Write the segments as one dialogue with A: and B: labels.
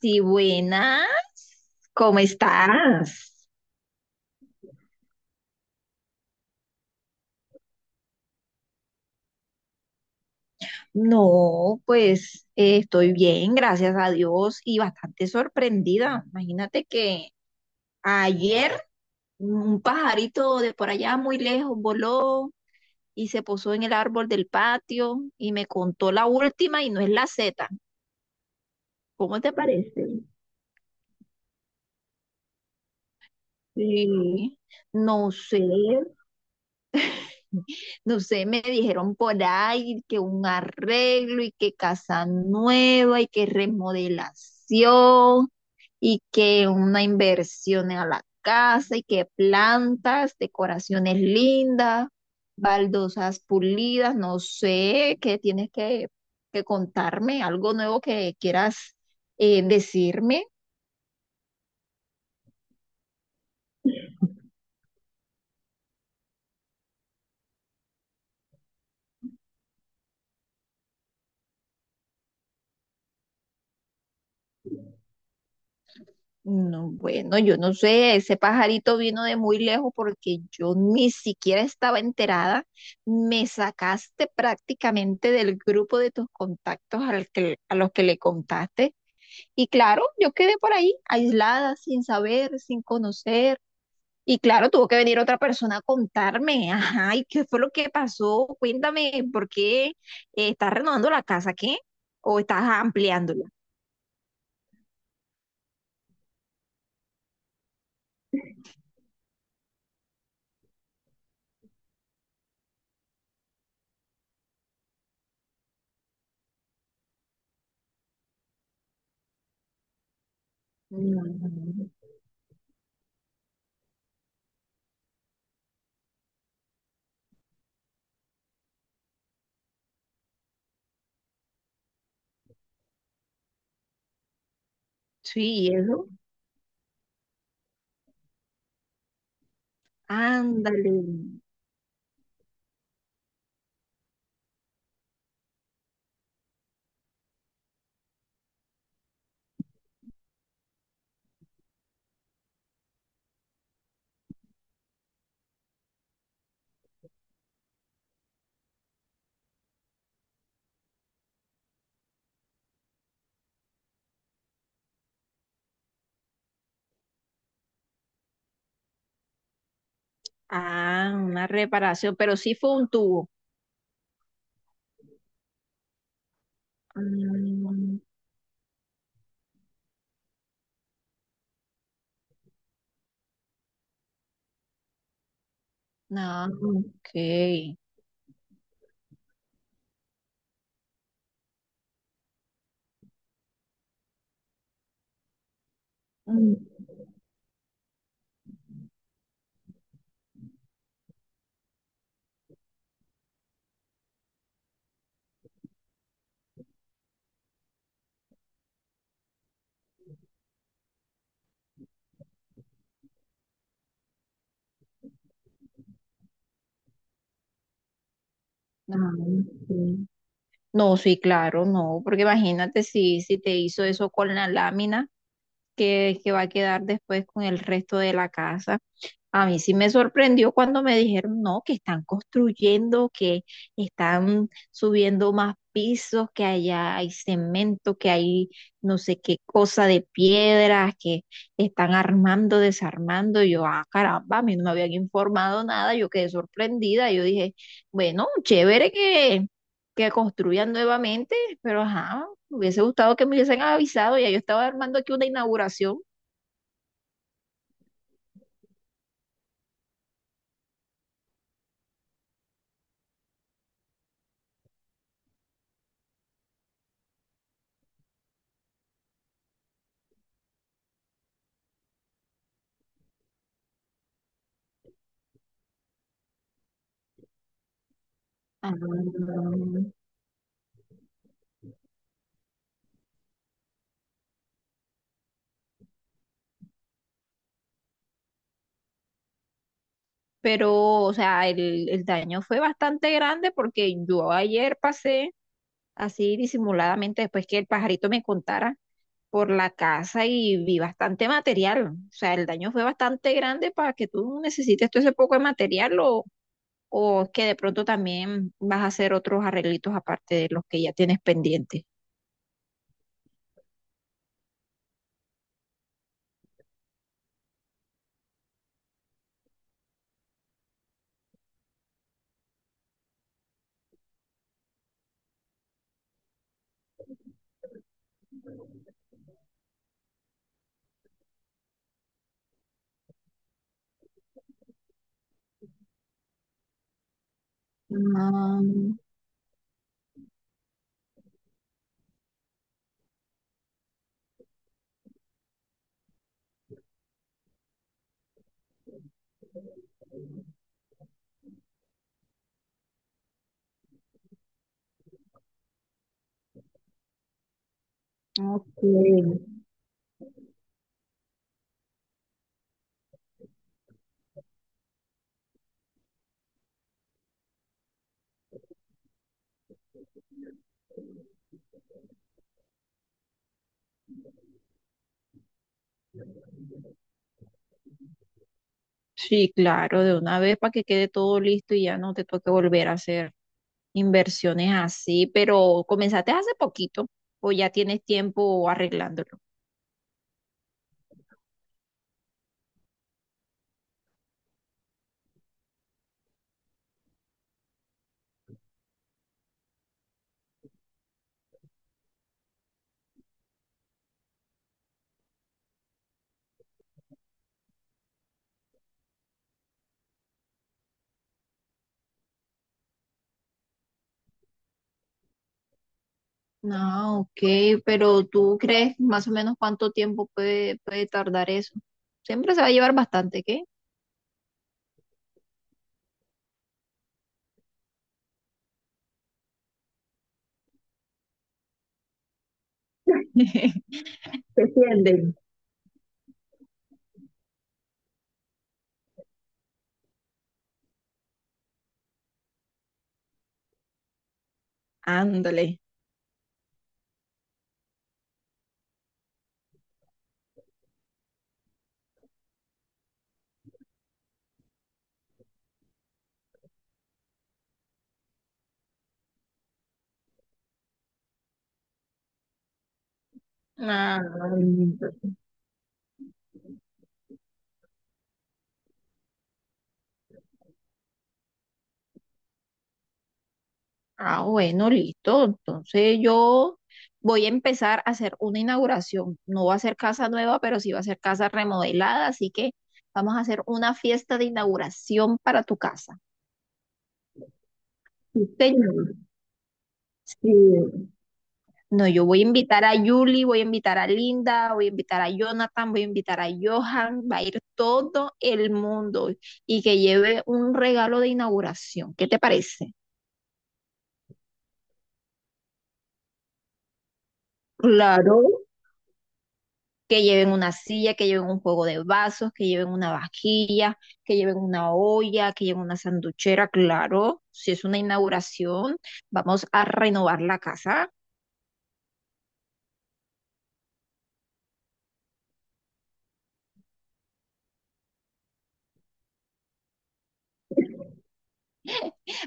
A: Sí, buenas. ¿Cómo estás? No, pues estoy bien, gracias a Dios y bastante sorprendida. Imagínate que ayer un pajarito de por allá muy lejos voló y se posó en el árbol del patio y me contó la última y no es la Z. ¿Cómo te parece? Sí, no sé, no sé, me dijeron por ahí que un arreglo y que casa nueva y que remodelación y que una inversión a la casa y que plantas, decoraciones lindas, baldosas pulidas, no sé, que contarme, algo nuevo que quieras decirme. No, bueno, yo no sé, ese pajarito vino de muy lejos porque yo ni siquiera estaba enterada. Me sacaste prácticamente del grupo de tus contactos a los que le contaste. Y claro, yo quedé por ahí, aislada, sin saber, sin conocer. Y claro, tuvo que venir otra persona a contarme. Ajá, ¿y qué fue lo que pasó? Cuéntame, ¿por qué estás renovando la casa, qué? ¿O estás ampliándola? Mm, sí, ¿y eso? Ándale. Ah, una reparación, pero sí fue un tubo. Mm, no, ok. Mm, no, ok. No, sí, claro, no, porque imagínate si te hizo eso con la lámina que va a quedar después con el resto de la casa. A mí sí me sorprendió cuando me dijeron, no, que están construyendo, que están subiendo más pisos, que allá hay cemento, que hay no sé qué cosa de piedras, que están armando, desarmando. Y yo, ah, caramba, a mí no me habían informado nada, yo quedé sorprendida. Yo dije, bueno, chévere que construyan nuevamente, pero ajá, me hubiese gustado que me hubiesen avisado, ya yo estaba armando aquí una inauguración. Ah, pero o sea, el daño fue bastante grande porque yo ayer pasé así disimuladamente después que el pajarito me contara por la casa y vi bastante material. O sea, el daño fue bastante grande para que tú necesites todo ese poco de material. Lo, o es que de pronto también vas a hacer otros arreglitos aparte de los que ya tienes pendientes. Ah, ok. Sí, claro, de una vez para que quede todo listo y ya no te toque volver a hacer inversiones así, pero comenzaste hace poquito o ya tienes tiempo arreglándolo. Ah, ok, pero ¿tú crees más o menos cuánto tiempo puede tardar eso? Siempre se va a llevar bastante, ¿qué? Se tienden. Ándale. Ah, lindo. Ah, bueno, listo. Entonces yo voy a empezar a hacer una inauguración. No va a ser casa nueva, pero sí va a ser casa remodelada, así que vamos a hacer una fiesta de inauguración para tu casa. Sí, señor. Sí. No, yo voy a invitar a Julie, voy a invitar a Linda, voy a invitar a Jonathan, voy a invitar a Johan, va a ir todo el mundo y que lleve un regalo de inauguración. ¿Qué te parece? Claro. Que lleven una silla, que lleven un juego de vasos, que lleven una vajilla, que lleven una olla, que lleven una sanduchera, claro. Si es una inauguración, vamos a renovar la casa,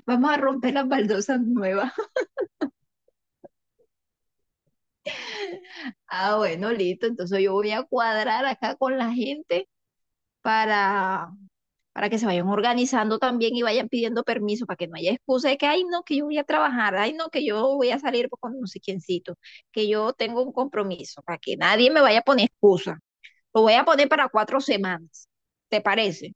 A: vamos a romper las baldosas nuevas. Ah, bueno, listo. Entonces yo voy a cuadrar acá con la gente para, para que se vayan organizando también y vayan pidiendo permiso, para que no haya excusa de que, ay, no, que yo voy a trabajar, ay, no, que yo voy a salir con no sé quiéncito, que yo tengo un compromiso, para que nadie me vaya a poner excusa. Lo voy a poner para 4 semanas, ¿te parece?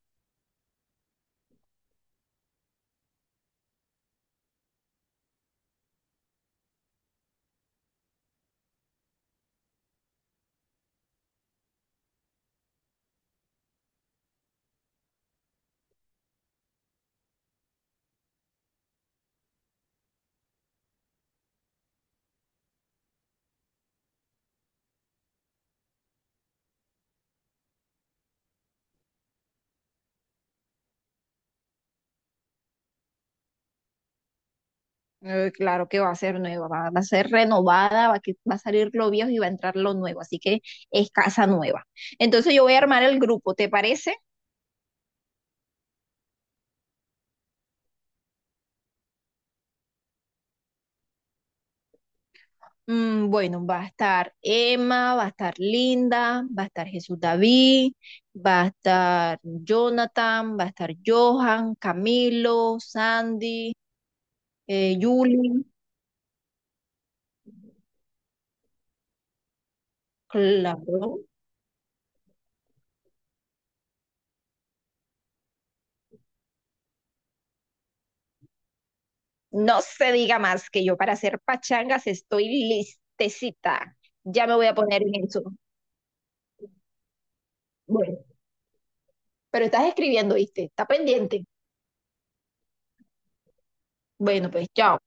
A: Claro que va a ser nueva, va a ser renovada, va a salir lo viejo y va a entrar lo nuevo, así que es casa nueva. Entonces yo voy a armar el grupo, ¿te parece? Mm, bueno, va a estar Emma, va a estar Linda, va a estar Jesús David, va a estar Jonathan, va a estar Johan, Camilo, Sandy, Julie. Claro. No se diga más que yo para hacer pachangas estoy listecita. Ya me voy a poner en eso. Bueno, pero estás escribiendo, ¿viste? Está pendiente. Bueno, pues chao.